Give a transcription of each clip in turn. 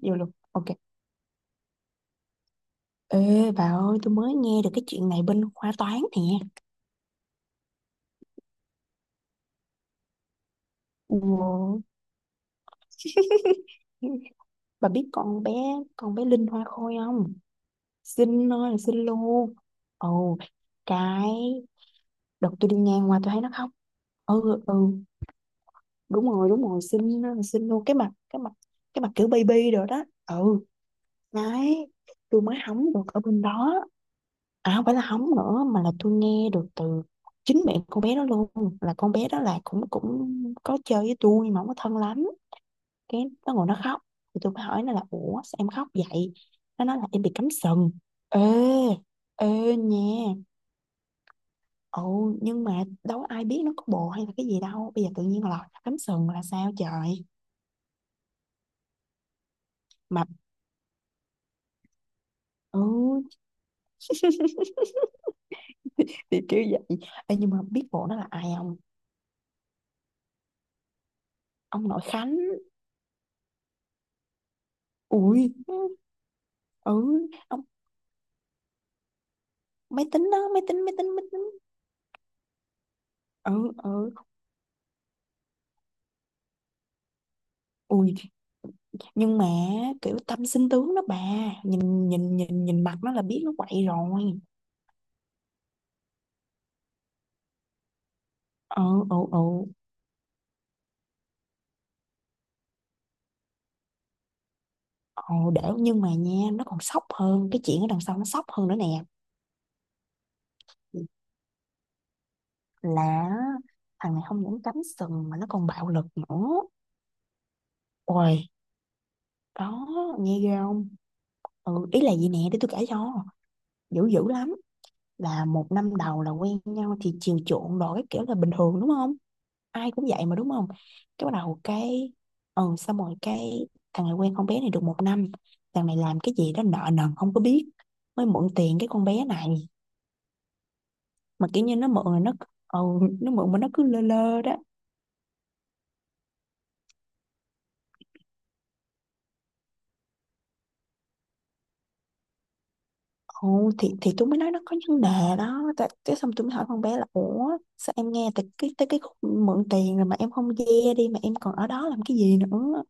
Vô luôn. Ok. Ê bà ơi, tôi mới nghe được cái chuyện này bên khoa toán nè. Ủa, Bà biết con bé Linh Hoa Khôi không? Xinh ơi là xinh luôn. Ồ, cái đợt tôi đi ngang qua tôi thấy nó khóc. Ừ ừ, đúng rồi, xinh ơi là xinh luôn, cái mặt, cái mặt kiểu baby rồi đó. Ừ. Đấy, tôi mới hóng được ở bên đó, à không phải là hóng nữa mà là tôi nghe được từ chính mẹ con bé đó luôn. Là con bé đó là cũng cũng có chơi với tôi nhưng mà không có thân lắm. Cái nó ngồi nó khóc thì tôi mới hỏi nó là ủa sao em khóc vậy. Nó nói là em bị cắm sừng. Ê ê nha, ồ nhưng mà đâu có ai biết nó có bồ hay là cái gì đâu, bây giờ tự nhiên lọt ra cắm sừng là sao trời. Mà ừ, thì, thì kiểu vậy. Ê, nhưng mà biết bộ nó là ai không? Ông nội Khánh. Ui, ừ, ông máy tính đó, máy tính. Ừ ừ. Ui, nhưng mà kiểu tâm sinh tướng đó bà, nhìn nhìn nhìn nhìn mặt nó là biết nó quậy rồi. Ừ ừ ừ ừ, để nhưng mà nha, nó còn sốc hơn, cái chuyện ở đằng sau nó sốc hơn nữa nè. Là thằng này không những cắm sừng mà nó còn bạo lực nữa. Ôi đó. Nghe ghê không? Ừ, ý là gì nè, để tôi kể cho. Dữ dữ lắm. Là một năm đầu là quen nhau thì chiều chuộng đồ, cái kiểu là bình thường đúng không, ai cũng vậy mà đúng không. Cái bắt đầu cái, ừ xong rồi cái, thằng này quen con bé này được một năm, thằng này làm cái gì đó nợ nần không có biết, mới mượn tiền cái con bé này. Mà kiểu như nó mượn là nó, ừ, nó mượn mà nó cứ lơ lơ đó. Ừ, thì tôi mới nói nó có vấn đề đó. Tại cái xong tôi mới hỏi con bé là ủa, sao em nghe tới cái khúc mượn tiền rồi mà em không ve đi mà em còn ở đó làm cái gì nữa.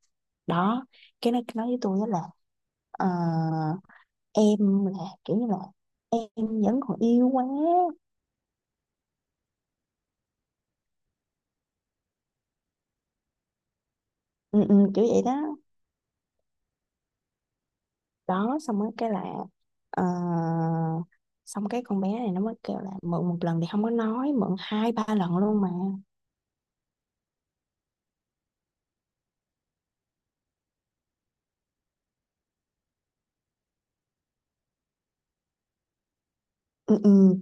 Đó, cái nó nói với tôi á là, ờ, em là kiểu như là em vẫn còn yêu quá. Ừ, ừ, kiểu vậy đó. Đó xong rồi cái là, ờ, xong cái con bé này nó mới kêu là mượn một lần thì không có nói, mượn hai ba lần luôn mà. Ừ, ừ.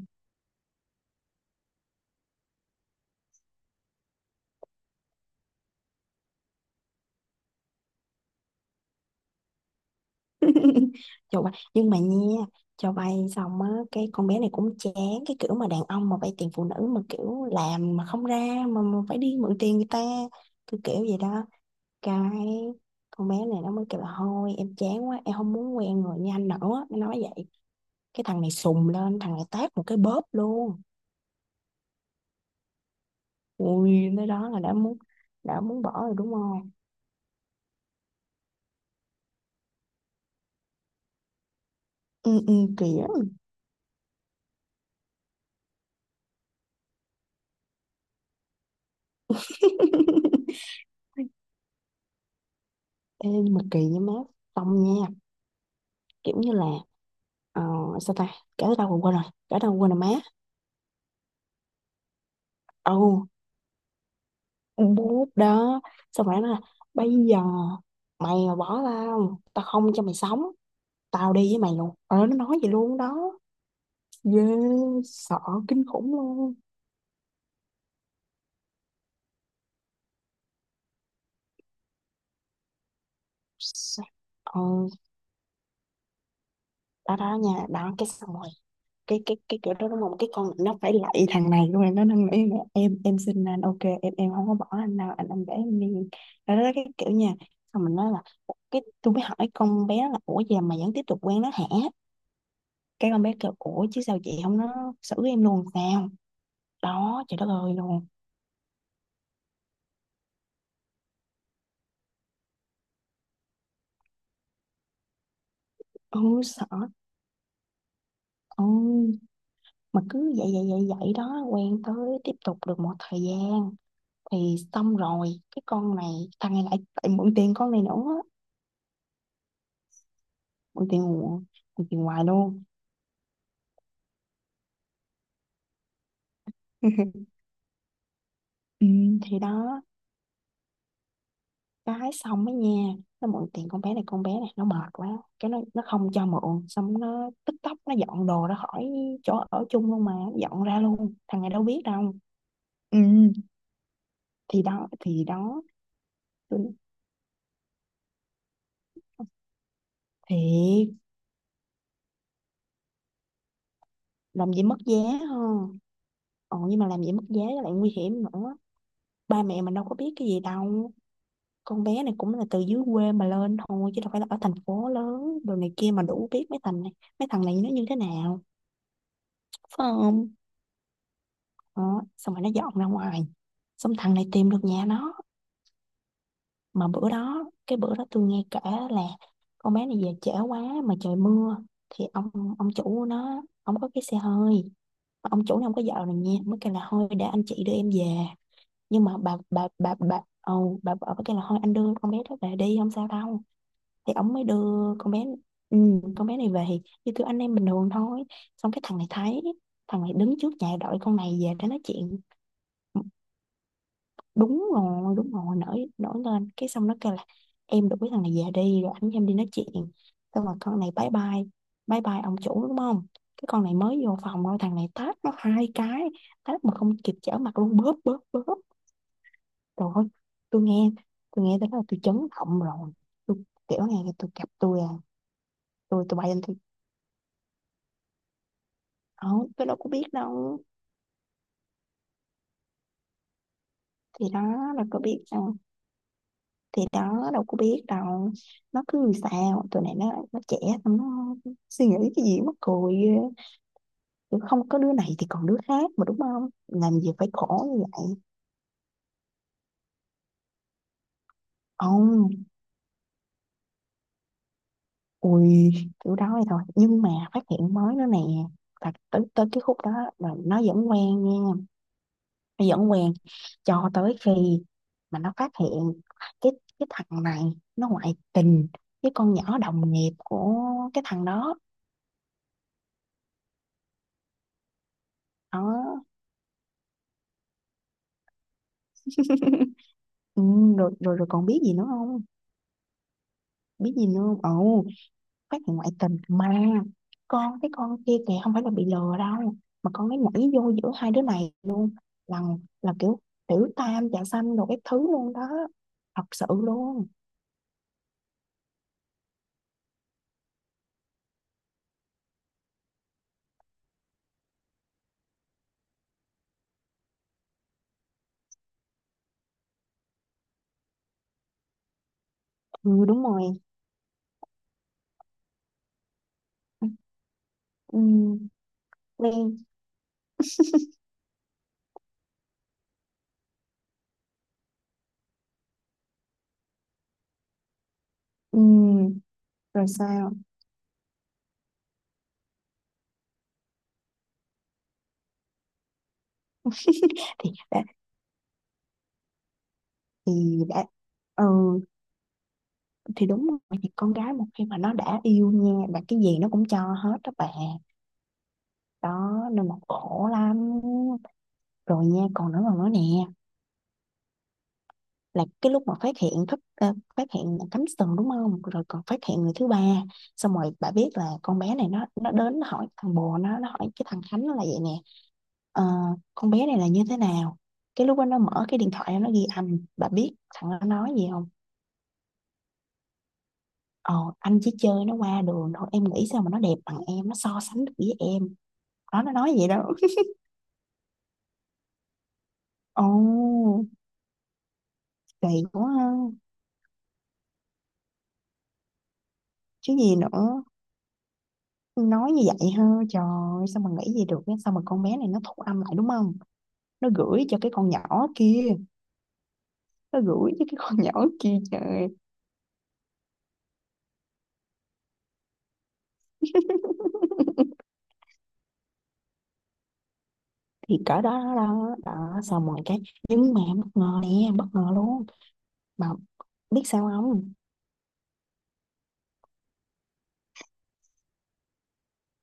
Trời bay, nhưng mà nha, cho vay xong á, cái con bé này cũng chán cái kiểu mà đàn ông mà vay tiền phụ nữ mà kiểu làm mà không ra, mà phải đi mượn tiền người ta, cứ kiểu vậy đó. Cái con bé này nó mới kêu là thôi em chán quá, em không muốn quen người như anh nữa, nó nói vậy. Cái thằng này sùng lên, thằng này tát một cái, bóp luôn. Ui, tới đó là đã muốn, đã muốn bỏ rồi đúng không. Ừ ừ, kỳ lắm. Ê, nhưng mà kỳ với má, xong nha, kiểu như là, ờ, sao ta, kể tới đâu mà quên rồi, kể đâu mà quên rồi má. Ồ, bút đó, xong rồi nó nói là bây giờ mày mà bỏ tao tao không cho mày sống, tao đi với mày luôn, ờ nó nói vậy luôn đó. Ghê. Sợ. Kinh khủng luôn. Sợ- ờ, đó đó nha, đó cái xong rồi cái, cái kiểu đó đúng không, cái con nó phải lạy thằng này luôn rồi, nó năn nghĩ nè, em xin anh, ok, em không có bỏ anh đâu, anh để em đi. Đó, đó cái kiểu nha. Xong mình nói là "Ủa", cái tôi mới hỏi con bé là ủa giờ mà vẫn tiếp tục quen nó hả. Cái con bé kêu ủa chứ sao chị, không nó xử em luôn sao. Đó, trời đất ơi luôn. Ừ sợ. Ừ, mà cứ vậy vậy vậy vậy đó, quen tới, tiếp tục được một thời gian. Thì xong rồi cái con này, thằng này lại lại mượn tiền con này nữa, mượn tiền mượn, mượn tiền hoài luôn. Ừ, thì đó, cái xong ấy nha, nó mượn tiền con bé này, con bé này nó mệt quá, cái nó không cho mượn, xong nó tức tốc nó dọn đồ ra khỏi chỗ ở chung luôn. Mà dọn ra luôn, thằng này đâu biết đâu. Ừ, thì đó thì đó, tôi- thiệt, làm gì mất giá ha. Ờ nhưng mà làm gì mất giá lại nguy hiểm nữa, ba mẹ mình đâu có biết cái gì đâu. Con bé này cũng là từ dưới quê mà lên thôi chứ đâu phải là ở thành phố lớn đồ này kia mà đủ biết mấy thằng này, mấy thằng này nó như thế nào, phải không. Đó. Xong rồi nó dọn ra ngoài, xong thằng này tìm được nhà nó. Mà bữa đó, cái bữa đó tôi nghe kể, là con bé này về trễ quá mà trời mưa, thì ông chủ nó, ông có cái xe hơi. Mà ông chủ này không có vợ rồi nha, mới kêu là thôi để anh chị đưa em về. Nhưng mà bà vợ mới kêu là thôi anh đưa con bé đó về đi không sao đâu. Thì ổng mới đưa con bé, ừ, con bé này về, như kiểu anh em bình thường thôi. Xong cái thằng này thấy, thằng này đứng trước nhà đợi con này về để nói chuyện. Đúng rồi đúng rồi, nổi nổi lên, cái xong nó kêu là em đuổi thằng này về đi rồi anh với em đi nói chuyện. Xong rồi con này bye bye, bye bye ông chủ đúng không. Cái con này mới vô phòng thôi, thằng này tát nó hai cái, tát mà không kịp trở mặt luôn, bóp bóp bóp. Rồi. Tôi nghe, tôi nghe tới đó là tôi chấn động rồi. Tôi kiểu này tôi gặp tôi à, tôi bay lên. Ờ, tôi đâu có biết đâu. Thì đó, đâu có biết đâu. Thì đó, đâu có biết đâu. Nó cứ sao tụi này nó trẻ, xong nó suy nghĩ cái gì mắc cười ghê. Kiểu không có đứa này thì còn đứa khác mà đúng không, làm gì phải khổ như vậy. Ông. Ui, kiểu đó vậy thôi, nhưng mà phát hiện mới nữa nè. Thật tới, tới cái khúc đó là nó vẫn quen nha, dẫn quen, cho tới khi mà nó phát hiện cái cái thằng này nó ngoại tình với con nhỏ đồng nghiệp của cái thằng đó. Đó, ừ, rồi, rồi rồi, còn biết gì nữa không, biết gì nữa không. Ồ, phát hiện ngoại tình mà con, cái con kia kìa không phải là bị lừa đâu, mà con ấy nhảy vô giữa hai đứa này luôn. Là là kiểu tiểu tam trà xanh đồ các thứ luôn đó. Thật sự luôn. Ừ đúng rồi. Ừ, Lan, ừ, rồi sao. Thì đã, thì đã, ừ, thì đúng rồi, thì con gái một khi mà nó đã yêu nha là cái gì nó cũng cho hết đó bà. Đó nên mà khổ lắm. Rồi nha, còn nữa nè, là cái lúc mà phát hiện thất, ờ, phát hiện cắm sừng đúng không, rồi còn phát hiện người thứ ba. Xong rồi bà biết là con bé này nó đến nó hỏi thằng bồ nó hỏi cái thằng Khánh, nó là vậy nè. Ờ, con bé này là như thế nào. Cái lúc đó nó mở cái điện thoại ra, nó ghi âm, bà biết thằng nó nói gì không. Ờ, anh chỉ chơi nó qua đường thôi, em nghĩ sao mà nó đẹp bằng em, nó so sánh được với em. Đó nó nói vậy đó. Ồ, kỳ quá ha, chứ gì nữa, nói như vậy ha, trời ơi, sao mà nghĩ gì được á? Sao mà con bé này nó thu âm lại đúng không, nó gửi cho cái con nhỏ kia, nó gửi cho cái con nhỏ kia. Trời. Thì cỡ đó, đó đó, đó xong rồi cái, nhưng mà em bất ngờ nè, em bất ngờ luôn, mà biết sao không.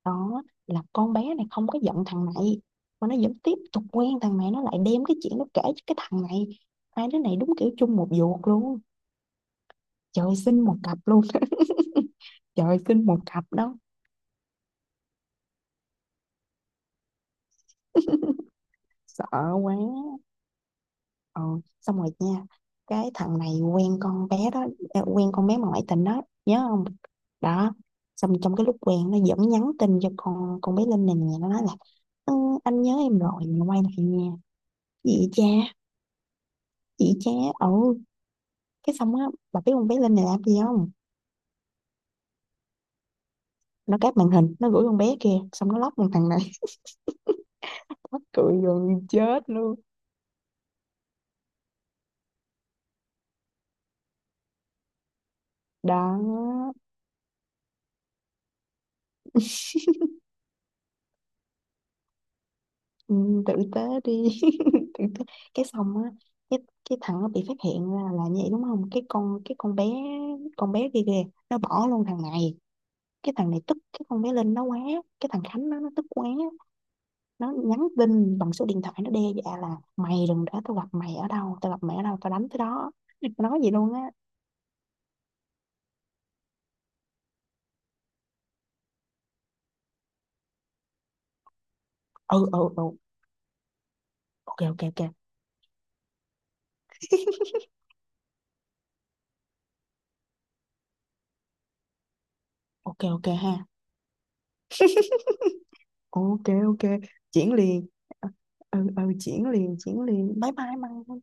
Đó là con bé này không có giận thằng này, mà nó vẫn tiếp tục quen thằng này, nó lại đem cái chuyện nó kể cho cái thằng này. Hai đứa này đúng kiểu chung một ruột luôn, trời sinh một cặp luôn. Trời sinh một cặp đó. Sợ quá. Ờ, xong rồi nha, cái thằng này quen con bé đó à, quen con bé mà ngoại tình đó nhớ không. Đó, xong trong cái lúc quen nó vẫn nhắn tin cho con bé Linh này nè, nó nói là, ừ, anh nhớ em rồi mình quay lại nha. Chị cha, chị cha. Ừ, cái xong á, bà biết con bé Linh này làm gì không. Nó cáp màn hình nó gửi con bé kia, xong nó lóc con thằng này. Mắc cười gần chết luôn. Đó. Ừ, tử tế đi. Tử tế. Cái xong á, cái cái thằng nó bị phát hiện ra là như vậy đúng không, cái con, cái con bé, con bé kia kìa nó bỏ luôn thằng này. Cái thằng này tức cái con bé Linh nó quá, cái thằng Khánh nó tức quá, nó nhắn tin bằng số điện thoại nó đe dọa là mày đừng để tao gặp mày, ở đâu tao gặp mày ở đâu tao đánh tới đó. Nó nói gì luôn á. Ừ ừ ừ. Ok ok ok. Ok ok ha. Ok ok, chuyển liền. Ờ, ừ, ừ, chuyển liền, chuyển liền, bye bye măng.